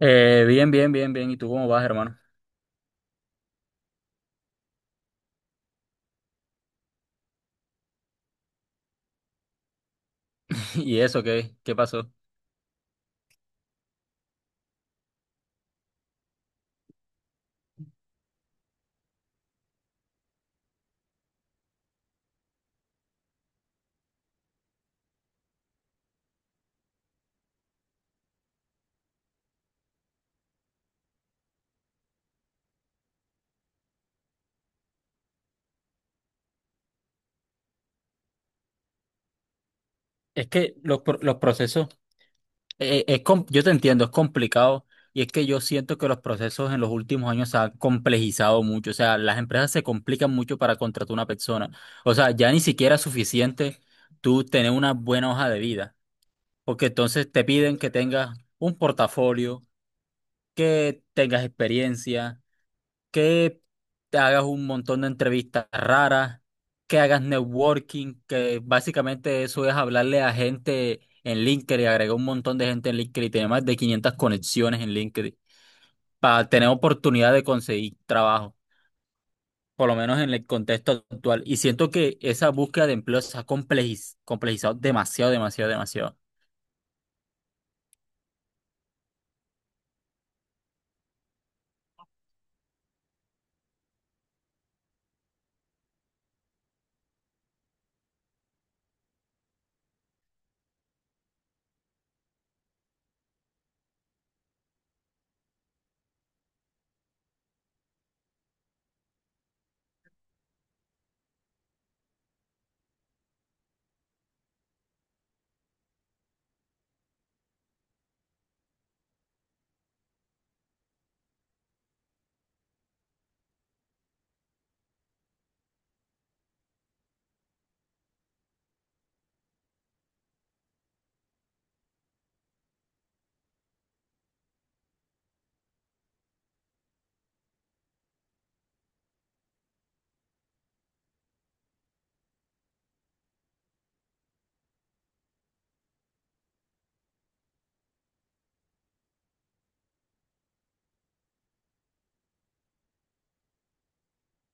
Bien, bien, bien, bien. ¿Y tú cómo vas, hermano? ¿Y eso qué pasó? Es que los, pro- Los procesos, yo te entiendo, es complicado y es que yo siento que los procesos en los últimos años se han complejizado mucho, o sea, las empresas se complican mucho para contratar una persona, o sea, ya ni siquiera es suficiente tú tener una buena hoja de vida, porque entonces te piden que tengas un portafolio, que tengas experiencia, que te hagas un montón de entrevistas raras, que hagas networking, que básicamente eso es hablarle a gente en LinkedIn, agregar un montón de gente en LinkedIn y tener más de 500 conexiones en LinkedIn para tener oportunidad de conseguir trabajo, por lo menos en el contexto actual. Y siento que esa búsqueda de empleo se ha complejizado demasiado, demasiado, demasiado.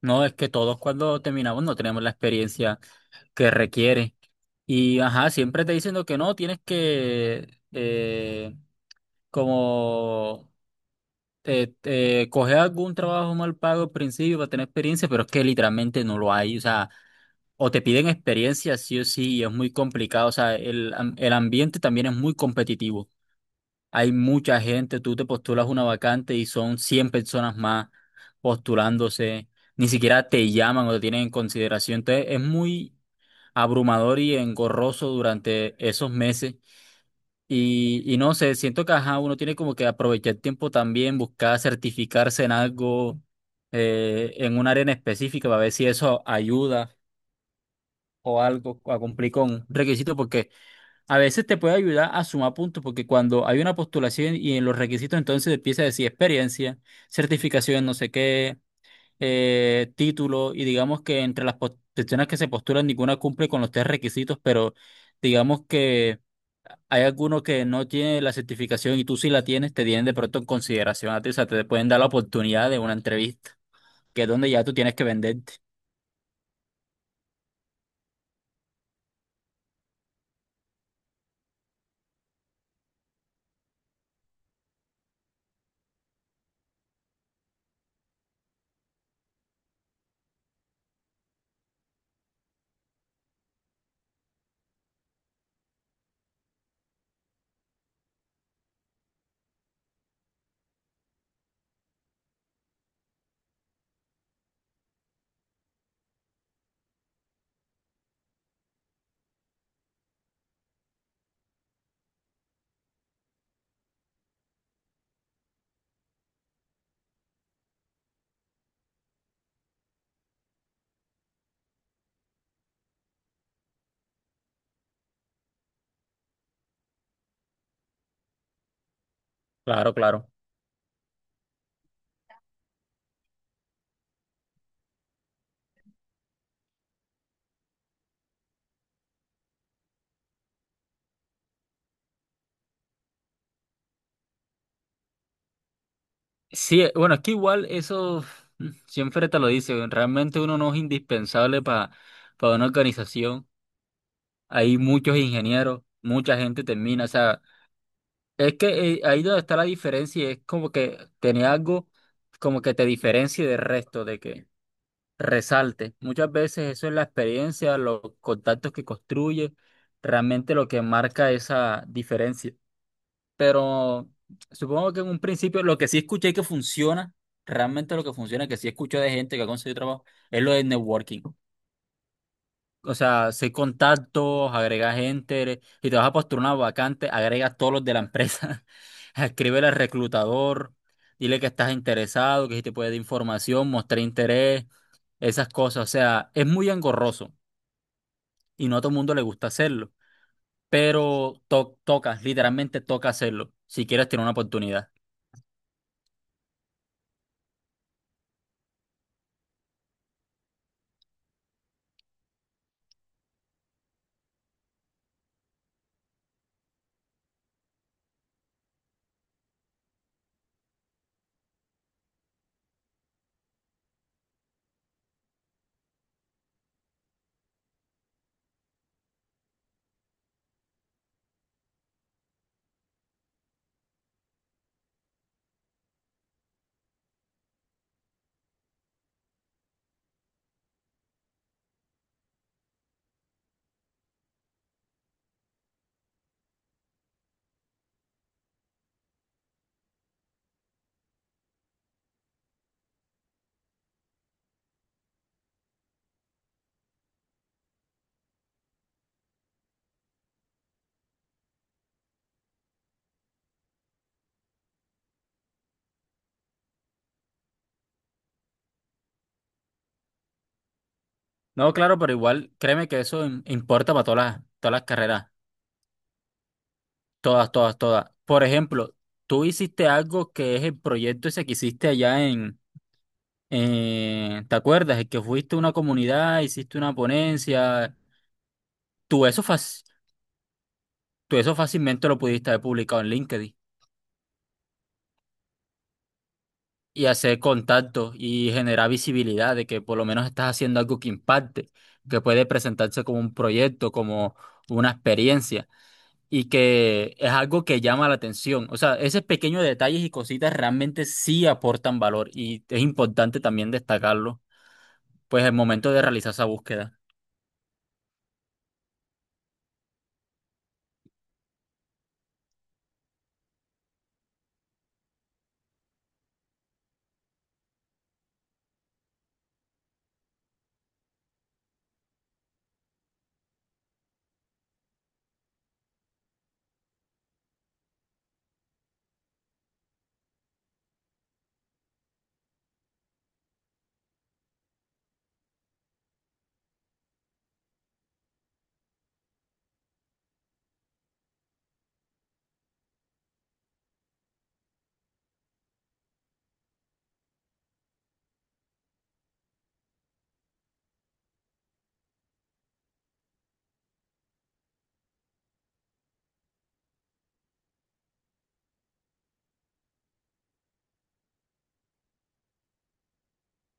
No, es que todos cuando terminamos no tenemos la experiencia que requiere. Y ajá, siempre te dicen lo que no, tienes que como coger algún trabajo mal pago al principio para tener experiencia, pero es que literalmente no lo hay, o sea, o te piden experiencia sí o sí, y es muy complicado, o sea, el ambiente también es muy competitivo, hay mucha gente, tú te postulas una vacante y son 100 personas más postulándose, ni siquiera te llaman o te tienen en consideración, entonces es muy abrumador y engorroso durante esos meses y no sé, siento que ajá, uno tiene como que aprovechar el tiempo también, buscar certificarse en algo, en un área en específica, para ver si eso ayuda o algo a cumplir con un requisito, porque a veces te puede ayudar a sumar puntos, porque cuando hay una postulación y en los requisitos entonces empieza a decir experiencia, certificación, no sé qué título, y digamos que entre las posiciones que se postulan ninguna cumple con los tres requisitos, pero digamos que hay alguno que no tiene la certificación y tú sí la tienes, te tienen de pronto en consideración a ti, o sea, te pueden dar la oportunidad de una entrevista, que es donde ya tú tienes que venderte. Claro, claro. Sí, bueno, es que igual eso siempre te lo dice, realmente uno no es indispensable para una organización. Hay muchos ingenieros, mucha gente termina, o sea, Es que ahí donde está la diferencia, y es como que tenía algo como que te diferencie del resto, de que resalte. Muchas veces eso es la experiencia, los contactos que construye, realmente lo que marca esa diferencia. Pero supongo que en un principio lo que sí escuché que funciona, realmente lo que funciona, que sí escuché de gente que ha conseguido trabajo, es lo del networking, o sea, seis contactos, agregas gente, y te vas a postular una vacante, agregas todos los de la empresa, escríbele al reclutador, dile que estás interesado, que si te puede dar información, mostrar interés, esas cosas. O sea, es muy engorroso y no a todo el mundo le gusta hacerlo, pero toca, literalmente toca hacerlo, si quieres tener una oportunidad. No, claro, pero igual créeme que eso importa para todas todas las carreras. Todas, todas, todas. Por ejemplo, tú hiciste algo que es el proyecto ese que hiciste allá ¿te acuerdas? El que fuiste a una comunidad, hiciste una ponencia. Tú eso, fac- tú eso fácilmente lo pudiste haber publicado en LinkedIn y hacer contactos y generar visibilidad de que por lo menos estás haciendo algo que impacte, que puede presentarse como un proyecto, como una experiencia, y que es algo que llama la atención. O sea, esos pequeños detalles y cositas realmente sí aportan valor y es importante también destacarlo, pues el momento de realizar esa búsqueda.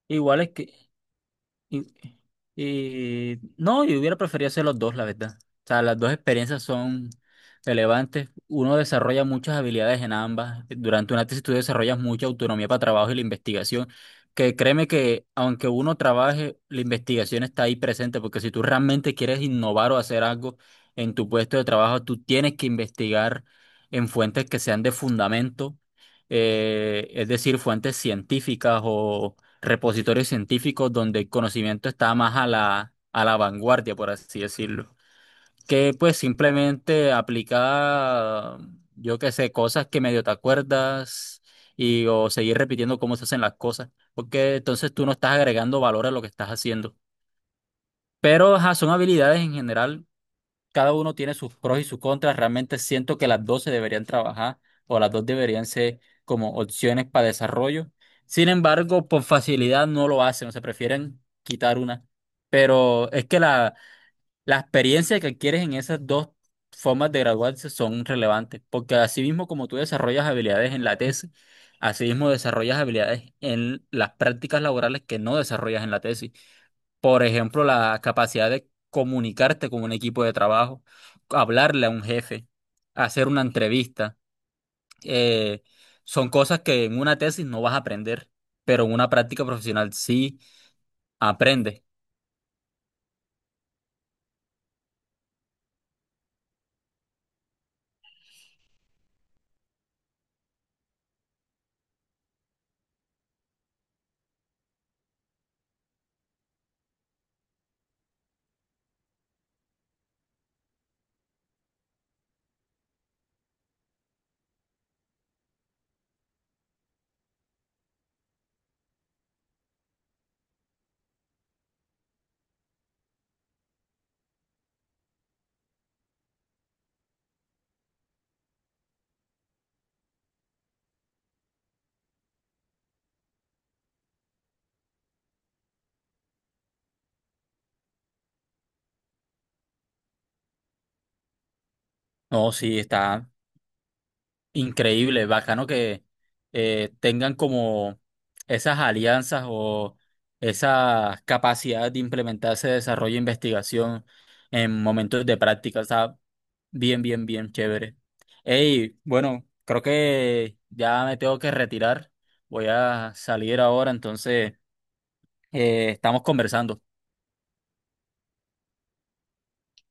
Igual es que Y, no, yo hubiera preferido hacer los dos, la verdad. O sea, las dos experiencias son relevantes. Uno desarrolla muchas habilidades en ambas. Durante una tesis tú desarrollas mucha autonomía para trabajo y la investigación. Que créeme que aunque uno trabaje, la investigación está ahí presente, porque si tú realmente quieres innovar o hacer algo en tu puesto de trabajo, tú tienes que investigar en fuentes que sean de fundamento, es decir, fuentes científicas o repositorios científicos donde el conocimiento está más a a la vanguardia, por así decirlo. Que pues simplemente aplica, yo qué sé, cosas que medio te acuerdas, y o seguir repitiendo cómo se hacen las cosas, porque entonces tú no estás agregando valor a lo que estás haciendo. Pero ajá, son habilidades en general, cada uno tiene sus pros y sus contras. Realmente siento que las dos se deberían trabajar o las dos deberían ser como opciones para desarrollo. Sin embargo, por facilidad no lo hacen, o sea, prefieren quitar una. Pero es que la experiencia que adquieres en esas dos formas de graduarse son relevantes, porque así mismo como tú desarrollas habilidades en la tesis, así mismo desarrollas habilidades en las prácticas laborales que no desarrollas en la tesis. Por ejemplo, la capacidad de comunicarte con un equipo de trabajo, hablarle a un jefe, hacer una entrevista. eh, Son cosas que en una tesis no vas a aprender, pero en una práctica profesional sí aprendes. No, sí, está. Increíble, bacano que tengan como esas alianzas o esa capacidad de implementarse desarrollo e investigación en momentos de práctica. O sea, bien, bien, bien chévere. Hey, bueno, creo que ya me tengo que retirar. Voy a salir ahora, entonces estamos conversando.